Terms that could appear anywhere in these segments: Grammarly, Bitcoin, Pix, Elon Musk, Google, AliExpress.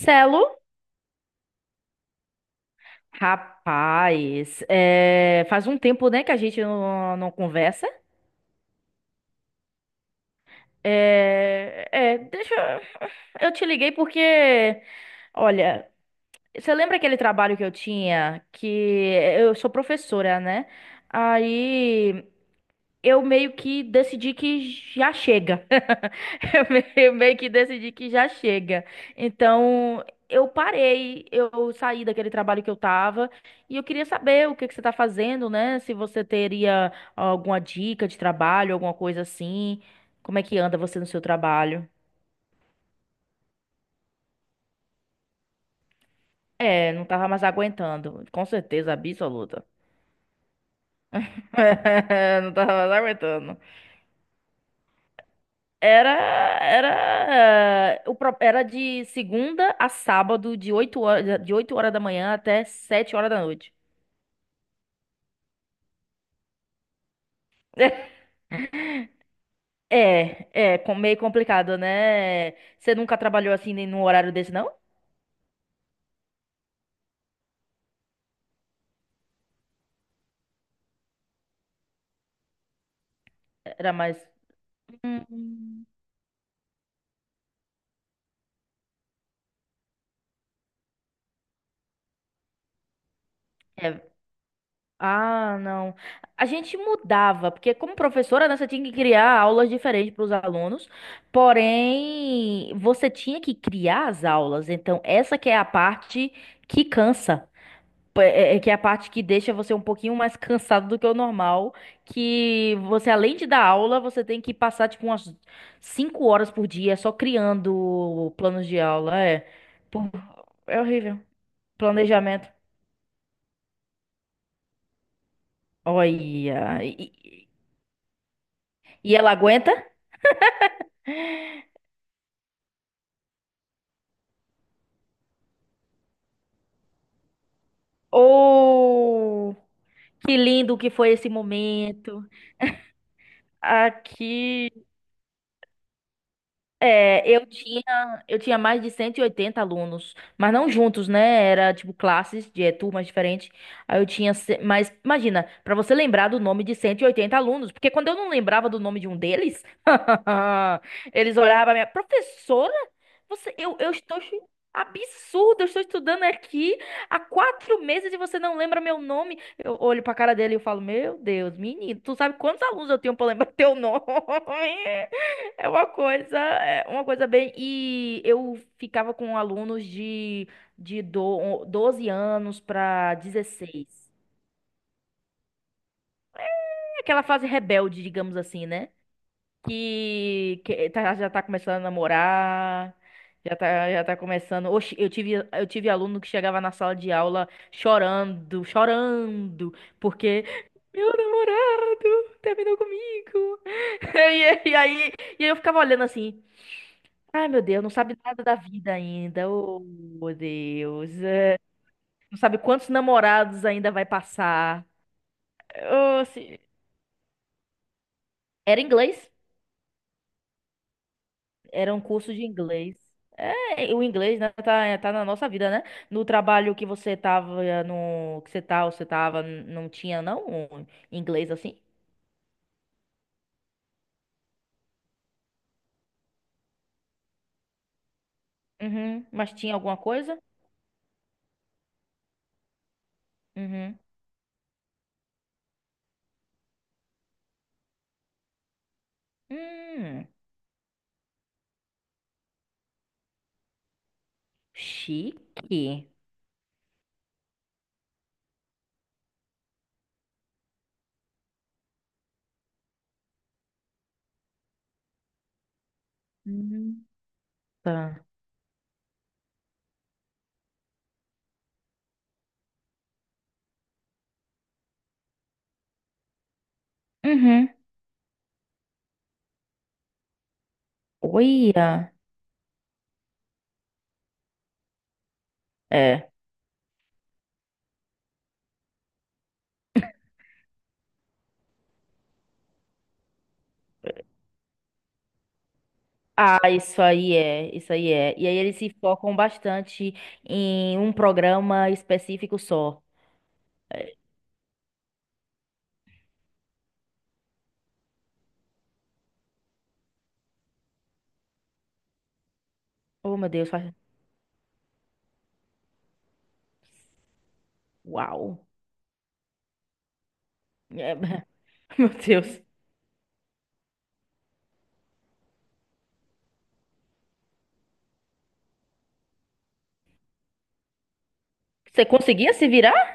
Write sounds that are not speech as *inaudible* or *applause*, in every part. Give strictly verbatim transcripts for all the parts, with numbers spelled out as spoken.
Celo, rapaz, é, faz um tempo, né, que a gente não, não conversa. É, é, deixa eu, eu te liguei porque, olha, você lembra aquele trabalho que eu tinha que eu sou professora, né? Aí eu meio que decidi que já chega. *laughs* Eu meio meio que decidi que já chega. Então, eu parei, eu saí daquele trabalho que eu tava e eu queria saber o que que você tá fazendo, né? Se você teria alguma dica de trabalho, alguma coisa assim. Como é que anda você no seu trabalho? É, não tava mais aguentando. Com certeza absoluta. *laughs* Não tava mais aguentando. Era, era, eh, o, pro- era de segunda a sábado, de oito horas, de oito horas da manhã até sete horas da noite. *laughs* É, é com- meio complicado, né? Você nunca trabalhou assim nem num horário desse, não? Era mais. Hum. É. Ah, não. A gente mudava, porque como professora, né, você tinha que criar aulas diferentes para os alunos, porém, você tinha que criar as aulas. Então, essa que é a parte que cansa. P- É, é que é a parte que deixa você um pouquinho mais cansado do que o normal, que você, além de dar aula, você tem que passar, tipo, umas cinco horas por dia só criando planos de aula. É, pô, é horrível. Planejamento. Olha. E, e- e ela aguenta? Oh, que lindo que foi esse momento. Aqui. É, eu tinha, eu tinha mais de cento e oitenta alunos, mas não juntos, né? Era tipo classes de eh, turmas diferentes. Aí eu tinha, ce- Mas imagina, pra você lembrar do nome de cento e oitenta alunos, porque quando eu não lembrava do nome de um deles, *laughs* eles olhavam pra minha professora, você, eu, eu estou chu- absurdo, eu estou estudando aqui há quatro meses e você não lembra meu nome. Eu olho pra cara dele e eu falo, meu Deus, menino, tu sabe quantos alunos eu tenho pra lembrar teu nome? *laughs* É uma coisa, é uma coisa bem. E eu ficava com alunos de, de do, doze anos para dezesseis. É aquela fase rebelde, digamos assim, né? Que, que tá- já tá começando a namorar, já tá, já tá começando. Oxi, eu tive, eu tive aluno que chegava na sala de aula chorando, chorando, porque meu namorado terminou comigo. *laughs* E, e aí, e aí eu ficava olhando assim. Ai, meu Deus, não sabe nada da vida ainda. Oh, meu Deus. Eh, Não sabe quantos namorados ainda vai passar. Oh, se- Era inglês. Era um curso de inglês. É, o inglês, né, tá, tá na nossa vida, né? No trabalho que você tava, eh, no, que você tá, você tava, n- não tinha, não, um inglês assim? Uhum. Mas tinha alguma coisa? Uhum. Hum, chique. Hum. Tá. Uhum. Olha. É. Ah, isso aí é, isso aí é. E aí eles se focam bastante em um programa específico só. Oh, meu Deus, faz. Uau. É, *laughs* meu Deus. Você conseguia se virar?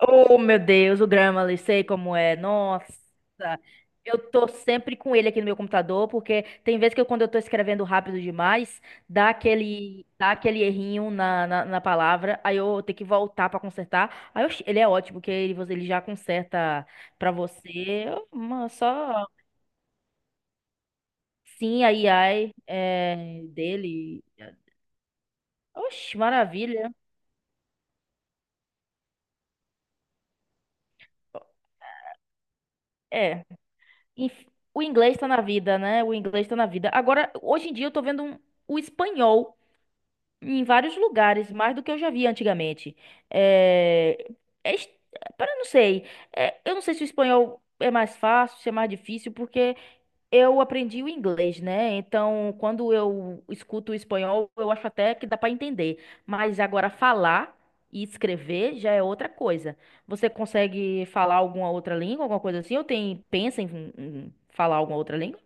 Oh, meu Deus, o Grammarly, sei como é. Nossa, eu tô sempre com ele aqui no meu computador, porque tem vezes que eu, quando eu tô escrevendo rápido demais, dá aquele, dá aquele errinho na, na, na palavra, aí eu tenho que voltar pra consertar. Aí eu ele é ótimo, porque ele, você- ele já conserta pra você. Uma- só Sim, a AI é, dele. Oxe, maravilha. É. Enf- O inglês tá na vida, né? O inglês tá na vida. Agora, hoje em dia, eu tô vendo um- o espanhol em vários lugares, mais do que eu já vi antigamente. É... é es- Pera, eu não sei. É, eu não sei se o espanhol é mais fácil, se é mais difícil, porque eu aprendi o inglês, né? Então, quando eu escuto o espanhol, eu acho até que dá para entender. Mas agora falar e escrever já é outra coisa. Você consegue falar alguma outra língua, alguma coisa assim? Ou tem, pensa em, em falar alguma outra língua?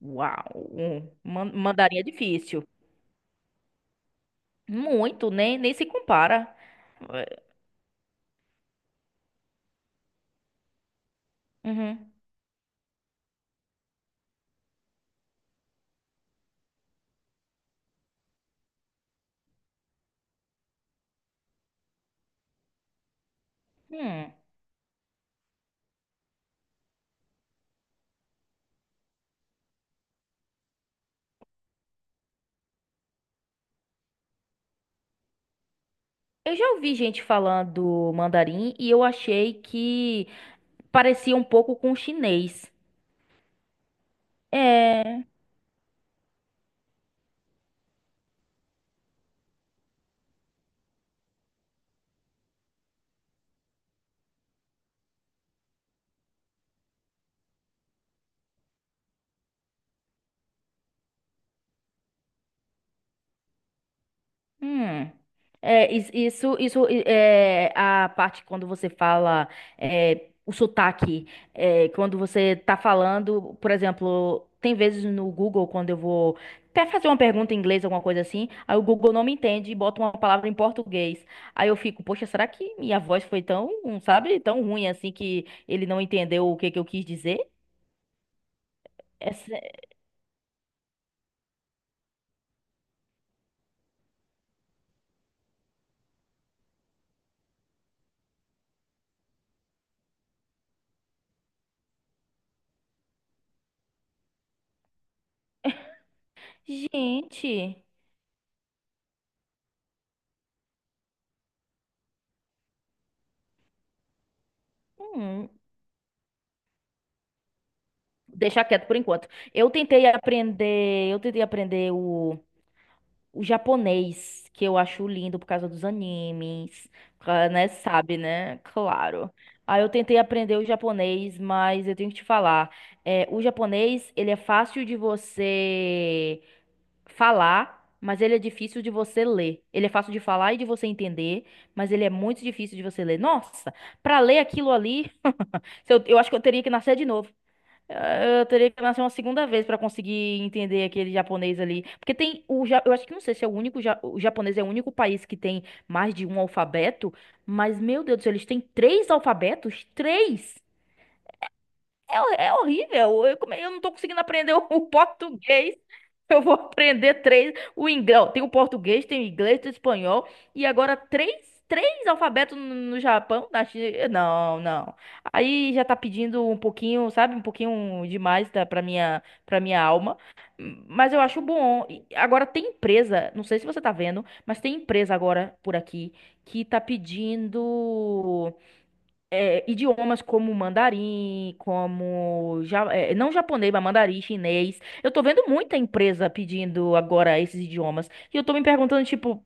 Uau, um man- mandarim é difícil. Muito, nem, nem se compara. Uhum. Hum. Eu já ouvi gente falando mandarim e eu achei que parecia um pouco com chinês. É. Hum. É, is- isso, isso é a parte quando você fala, é, o sotaque. É, quando você tá falando, por exemplo, tem vezes no Google, quando eu vou até fazer uma pergunta em inglês, alguma coisa assim, aí o Google não me entende e bota uma palavra em português. Aí eu fico, poxa, será que minha voz foi tão, sabe, tão ruim assim que ele não entendeu o que que eu quis dizer? Essa- Gente. Hum. Deixar quieto por enquanto. Eu tentei aprender, eu tentei aprender o, o japonês, que eu acho lindo por causa dos animes, ca- né? Sabe, né? Claro. Aí eu tentei aprender o japonês, mas eu tenho que te falar, é, o japonês, ele é fácil de você falar, mas ele é difícil de você ler. Ele é fácil de falar e de você entender, mas ele é muito difícil de você ler. Nossa, pra ler aquilo ali, eu, eu acho que eu teria que nascer de novo. Eu teria que nascer uma segunda vez pra conseguir entender aquele japonês ali. Porque tem o. ja- eu acho que não sei se é o único. ja- O japonês é o único país que tem mais de um alfabeto. Mas, meu Deus do céu, eles têm três alfabetos? Três! É, hor- é horrível. Eu, como é- eu não tô conseguindo aprender *laughs* o, o português. Eu vou aprender três. O inglês, ó, tem o português, tem o inglês, tem o espanhol. E agora três, três alfabetos no, no Japão, na China. Não, não. Aí já tá pedindo um pouquinho, sabe? Um pouquinho demais tá, pra minha, pra minha alma. Hum, Mas eu acho bom. E agora tem empresa, não sei se você tá vendo, mas tem empresa agora por aqui que tá pedindo é, idiomas como mandarim, como ja- é, não japonês, mas mandarim, chinês. Eu tô vendo muita empresa pedindo agora esses idiomas. E eu tô me perguntando, tipo,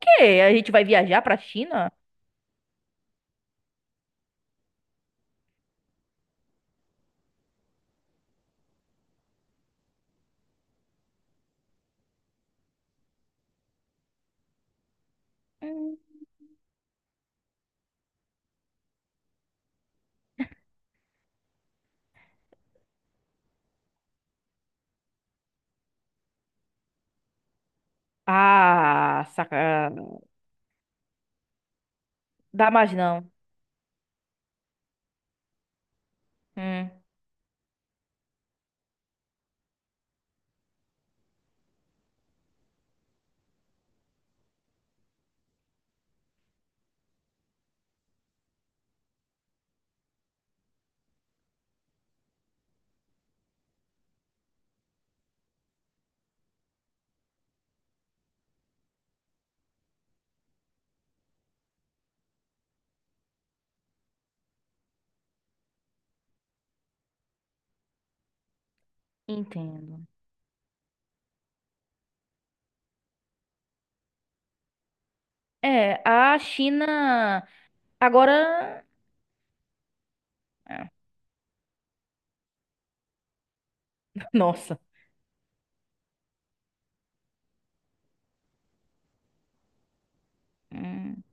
quê? A gente vai viajar pra China? Hum. Ah, saca. Dá mais não. Hum, entendo. É, a China agora. *laughs* Nossa. Hum.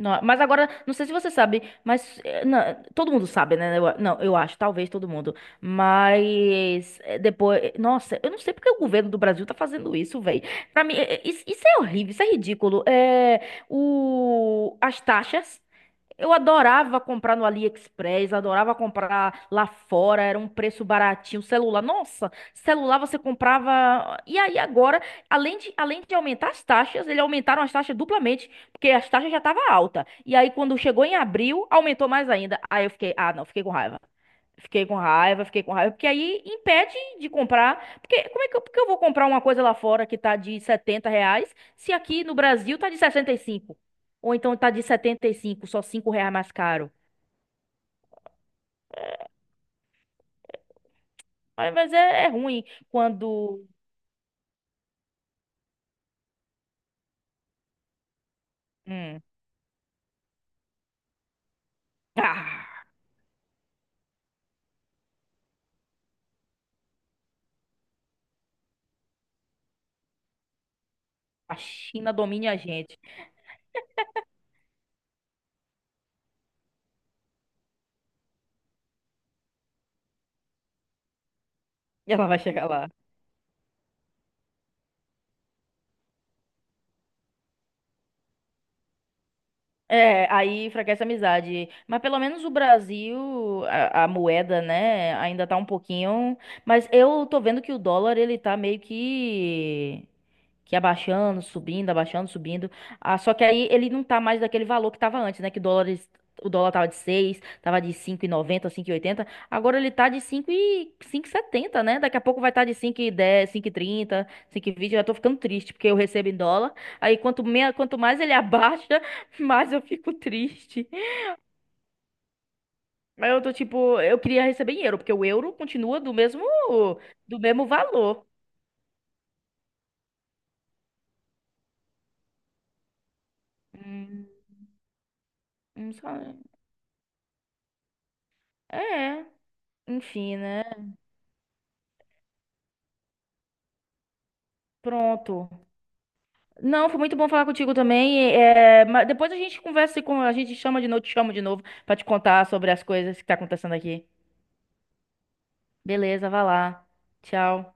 Não, mas agora, não sei se você sabe, mas eh, na- todo mundo sabe, né? Eu a- não, eu acho, talvez todo mundo. Mas eh, depois, eh, nossa, eu não sei porque o governo do Brasil tá fazendo isso, velho. Pra mim, eh, eh, isso, isso é horrível, isso é ridículo. É, o, as taxas. Eu adorava comprar no AliExpress, adorava comprar lá fora, era um preço baratinho. Celular, nossa, celular você comprava. E aí agora, além de, além de aumentar as taxas, eles aumentaram as taxas duplamente, porque as taxas já estavam alta. E aí quando chegou em abril, aumentou mais ainda. Aí eu fiquei, ah, não, fiquei com raiva. Fiquei com raiva, fiquei com raiva, porque aí impede de comprar. Porque como é que eu, porque eu vou comprar uma coisa lá fora que tá de setenta reais, se aqui no Brasil tá de sessenta e cinco. Ou então tá de setenta e cinco, só cinco reais mais caro. Mas, mas é, é ruim quando hum, ah, a China domina a gente. *laughs* E ela vai chegar lá. É, aí enfraquece a amizade. Mas pelo menos o Brasil, a, a moeda, né, ainda tá um pouquinho. Mas eu tô vendo que o dólar, ele tá meio que. que ia abaixando, subindo, abaixando, subindo. Ah, só que aí ele não tá mais daquele valor que tava antes, né? Que dólares, o dólar tava de seis, tava de cinco cinco e noventa, cinco e oitenta. Agora ele tá de cinco e cinco e setenta, né? Daqui a pouco vai estar tá de cinco e dez, cinco e trinta, cinco e vinte. Eu já tô ficando triste porque eu recebo em dólar. Aí quanto, menos, quanto mais ele abaixa, *laughs* mais eu fico triste. Mas eu tô tipo, eu queria receber em euro, porque o euro continua do mesmo do mesmo valor. Hum, não sabe. É, enfim, né? Pronto. Não, foi muito bom falar contigo também. É, mas depois a gente conversa e com a gente chama de novo, te chamo de novo pra te contar sobre as coisas que tá acontecendo aqui. Beleza, vai lá. Tchau.